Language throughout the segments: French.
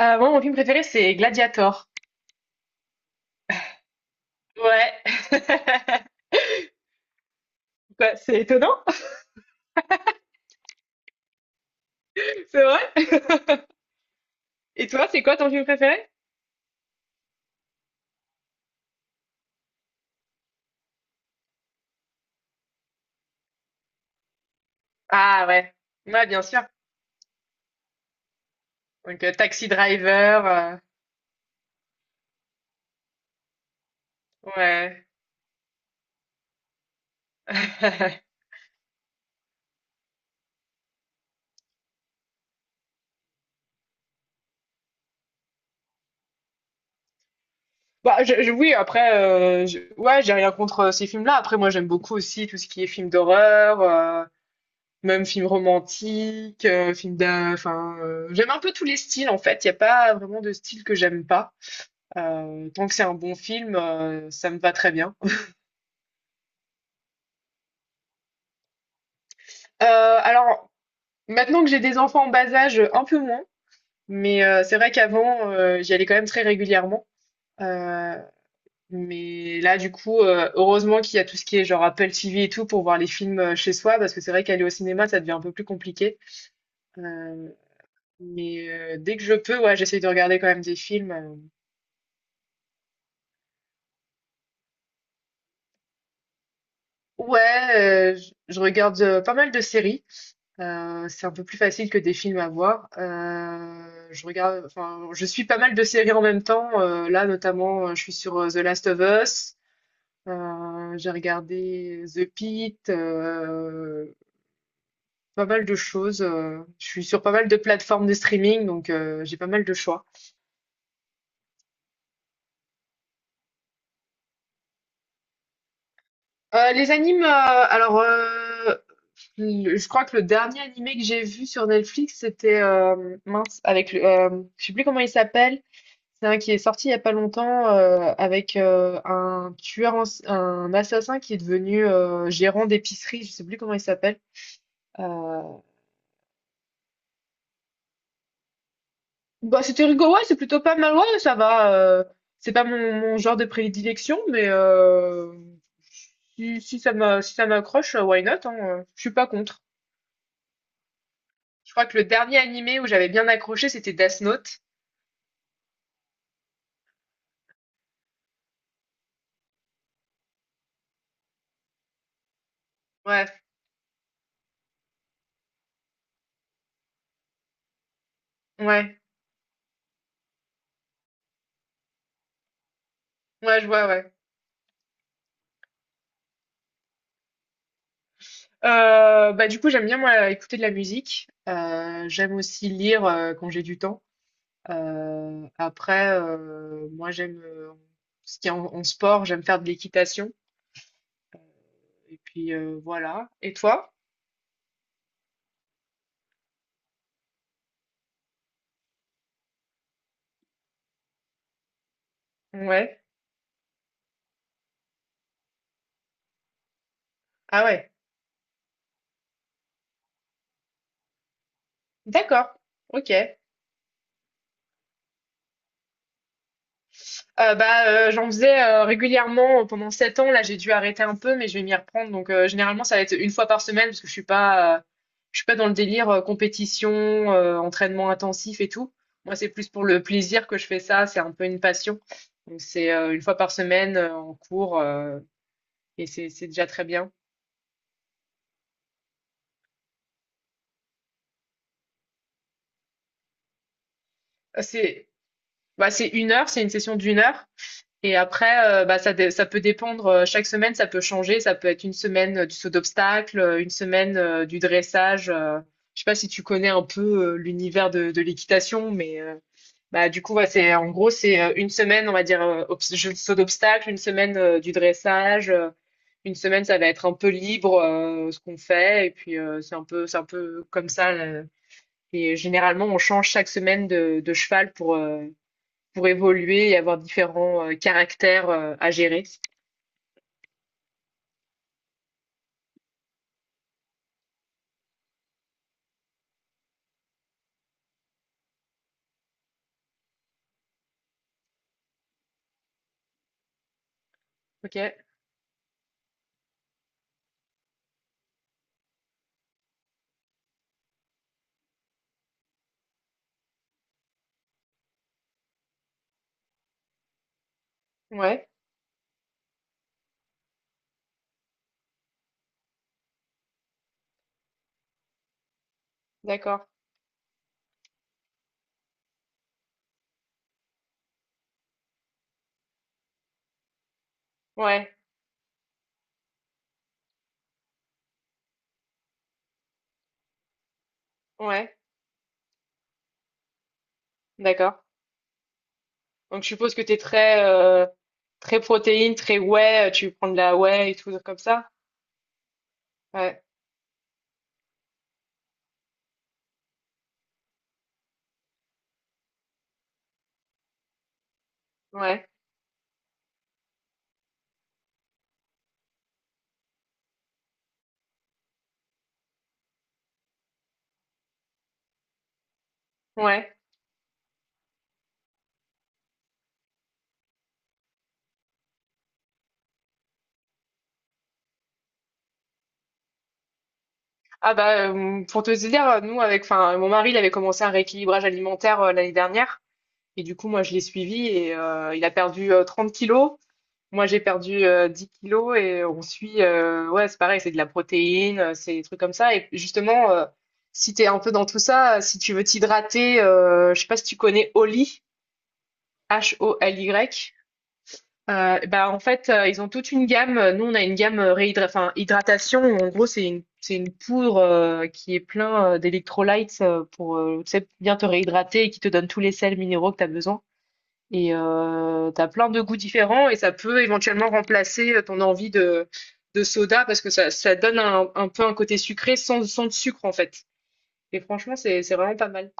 Moi, mon film préféré, c'est Gladiator. Ouais. Quoi, c'est étonnant? C'est vrai? Et toi, c'est quoi ton film préféré? Ah ouais. Ouais, bien sûr. Donc, Taxi Driver, ouais. Bah, je oui, après, je ouais, j'ai rien contre, ces films-là. Après, moi, j'aime beaucoup aussi tout ce qui est film d'horreur, même film romantique, film d'a enfin, j'aime un peu tous les styles, en fait. Il y a pas vraiment de style que j'aime pas. Tant que c'est un bon film, ça me va très bien. Euh, alors, maintenant que j'ai des enfants en bas âge, un peu moins, mais c'est vrai qu'avant, j'y allais quand même très régulièrement. Euh, mais là, du coup, heureusement qu'il y a tout ce qui est genre Apple TV et tout pour voir les films chez soi, parce que c'est vrai qu'aller au cinéma, ça devient un peu plus compliqué. Euh, mais dès que je peux, ouais, j'essaye de regarder quand même des films. Ouais, je regarde pas mal de séries. C'est un peu plus facile que des films à voir. Je regarde, enfin, je suis pas mal de séries en même temps. Là, notamment, je suis sur The Last of Us. J'ai regardé The Pitt, pas mal de choses. Je suis sur pas mal de plateformes de streaming, donc j'ai pas mal de choix. Les animes, Je crois que le dernier animé que j'ai vu sur Netflix, c'était mince, avec je sais plus comment il s'appelle. C'est un qui est sorti il y a pas longtemps avec un tueur, un assassin qui est devenu gérant d'épicerie. Je sais plus comment il s'appelle. Euh, Bah c'était rigolo, ouais, c'est plutôt pas mal, ouais, ça va. C'est pas mon genre de prédilection, mais si ça m'accroche, why not, hein, je suis pas contre. Je crois que le dernier animé où j'avais bien accroché, c'était Death Note. Ouais, ouais, ouais, je vois, ouais. Bah, du coup, j'aime bien, moi, écouter de la musique. J'aime aussi lire quand j'ai du temps. Après, moi, j'aime ce qui est en sport, j'aime faire de l'équitation. Et puis, voilà. Et toi? Ouais. Ah ouais. D'accord. Ok. Bah, j'en faisais régulièrement pendant 7 ans. Là, j'ai dû arrêter un peu, mais je vais m'y reprendre. Donc, généralement, ça va être une fois par semaine parce que je suis pas dans le délire compétition, entraînement intensif et tout. Moi, c'est plus pour le plaisir que je fais ça. C'est un peu une passion. Donc, c'est une fois par semaine en cours et c'est déjà très bien. C'est bah, c'est 1 heure, c'est une session d'une heure. Et après, bah, ça peut dépendre. Chaque semaine, ça peut changer. Ça peut être une semaine du saut d'obstacle, une semaine du dressage. Je sais pas si tu connais un peu l'univers de l'équitation, mais bah, du coup, ouais, c'est en gros, c'est une semaine, on va dire, saut d'obstacle, une semaine du dressage, une semaine, ça va être un peu libre ce qu'on fait. Et puis, c'est un peu comme ça. Là. Et généralement, on change chaque semaine de cheval pour évoluer et avoir différents caractères à gérer. Ok, ouais, d'accord, ouais, ouais, d'accord. Donc je suppose que t'es très protéine, très whey, tu prends de la whey et tout comme ça. Ouais, ouais, ouais. Ah bah pour te dire, nous avec, enfin mon mari, il avait commencé un rééquilibrage alimentaire l'année dernière et du coup moi je l'ai suivi et il a perdu 30 kilos. Moi, j'ai perdu 10 kilos et on suit, ouais, c'est pareil, c'est de la protéine, c'est des trucs comme ça. Et justement, si t'es un peu dans tout ça, si tu veux t'hydrater, je sais pas si tu connais Oli, HOLY. Bah en fait, ils ont toute une gamme. Nous, on a une gamme enfin, hydratation. En gros, c'est une poudre qui est plein d'électrolytes pour tu sais, bien te réhydrater et qui te donne tous les sels minéraux que tu as besoin. Et tu as plein de goûts différents et ça peut éventuellement remplacer ton envie de soda parce que ça donne un peu un côté sucré sans sucre en fait. Et franchement, c'est vraiment pas mal.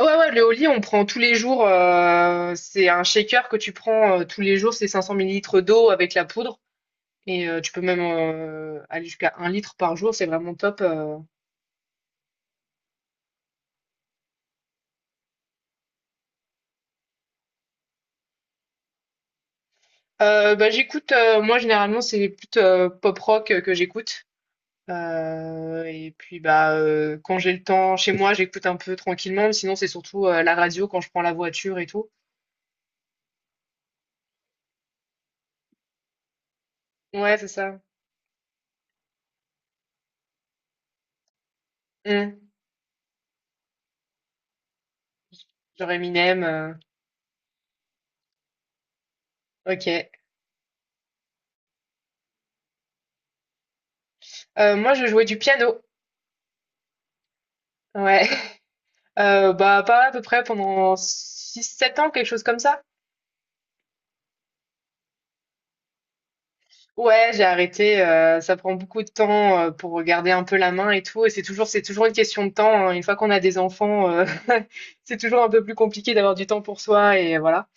Ouais, ouais, le Oli, on prend tous les jours. C'est un shaker que tu prends tous les jours, c'est 500 millilitres d'eau avec la poudre. Et tu peux même aller jusqu'à 1 litre par jour, c'est vraiment top. Bah, j'écoute, moi généralement, c'est les pop rock que j'écoute. Et puis bah quand j'ai le temps chez moi, j'écoute un peu tranquillement, mais sinon c'est surtout la radio quand je prends la voiture et tout. Ouais, c'est ça. Hmm. Genre Eminem. Ok. Moi, je jouais du piano. Ouais. Bah pas à peu près pendant 6-7 ans, quelque chose comme ça. Ouais, j'ai arrêté. Ça prend beaucoup de temps pour garder un peu la main et tout. Et c'est toujours une question de temps. Hein. Une fois qu'on a des enfants, c'est toujours un peu plus compliqué d'avoir du temps pour soi et voilà.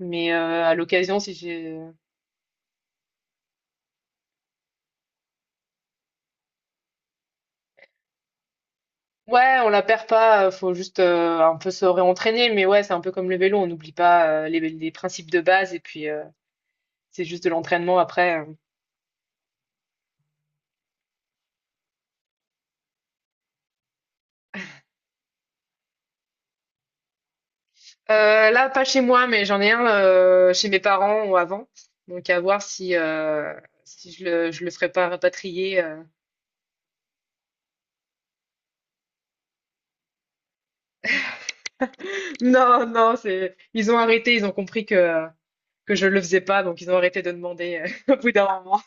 Mais à l'occasion, si j'ai Ouais, on la perd pas, faut juste un peu se réentraîner, mais ouais, c'est un peu comme le vélo, on n'oublie pas les principes de base et puis c'est juste de l'entraînement après. Là, pas chez moi, mais j'en ai un chez mes parents ou avant, donc à voir si je le ferai pas rapatrier. Non, non, c'est ils ont arrêté, ils ont compris que je le faisais pas, donc ils ont arrêté de demander au bout d'un moment.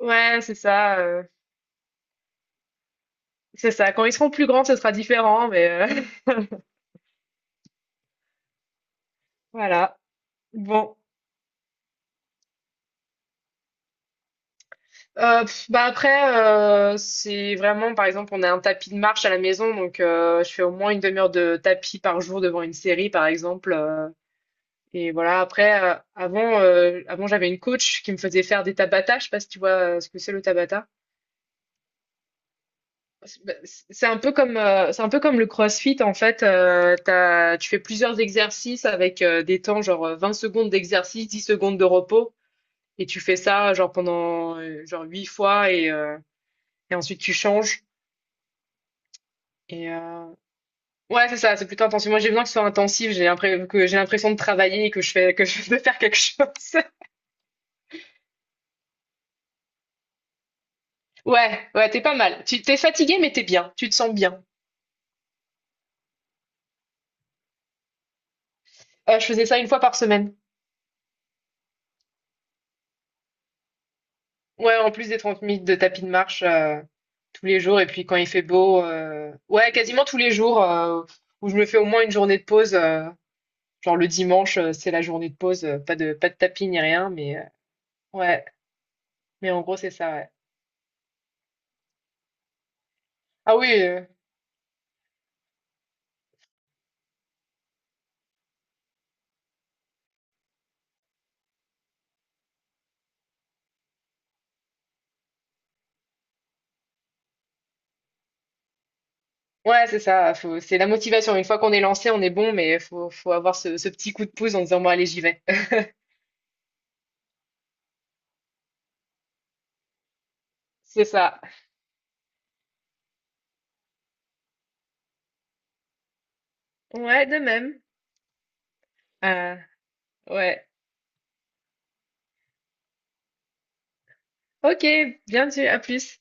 Ouais, c'est ça. Quand ils seront plus grands, ce sera différent, mais voilà. Bon. Bah après, c'est vraiment, par exemple, on a un tapis de marche à la maison, donc je fais au moins une demi-heure de tapis par jour devant une série, par exemple. Et voilà, après, avant j'avais une coach qui me faisait faire des tabata. Je sais pas si tu vois ce que c'est le tabata. C'est un peu comme le CrossFit en fait. Tu fais plusieurs exercices avec des temps genre 20 secondes d'exercice, 10 secondes de repos, et tu fais ça genre pendant genre 8 fois et ensuite tu changes. Et ouais, c'est ça, c'est plutôt intensif. Moi, j'ai besoin que ce soit intensif. Que j'ai l'impression de travailler et que je fais que je de faire quelque chose. Ouais, ouais, t'es pas mal. Tu t'es fatigué, mais t'es bien. Tu te sens bien. Je faisais ça une fois par semaine. Ouais, en plus des 30 minutes de tapis de marche tous les jours. Et puis quand il fait beau, ouais, quasiment tous les jours où je me fais au moins une journée de pause. Genre le dimanche, c'est la journée de pause. Pas de tapis ni rien, mais ouais. Mais en gros, c'est ça. Ouais. Ah oui. Ouais, c'est ça. C'est la motivation. Une fois qu'on est lancé, on est bon, mais faut avoir ce petit coup de pouce en disant, bon, allez, j'y vais. C'est ça. Ouais, de même. Euh, ouais. Ok, bien sûr. À plus.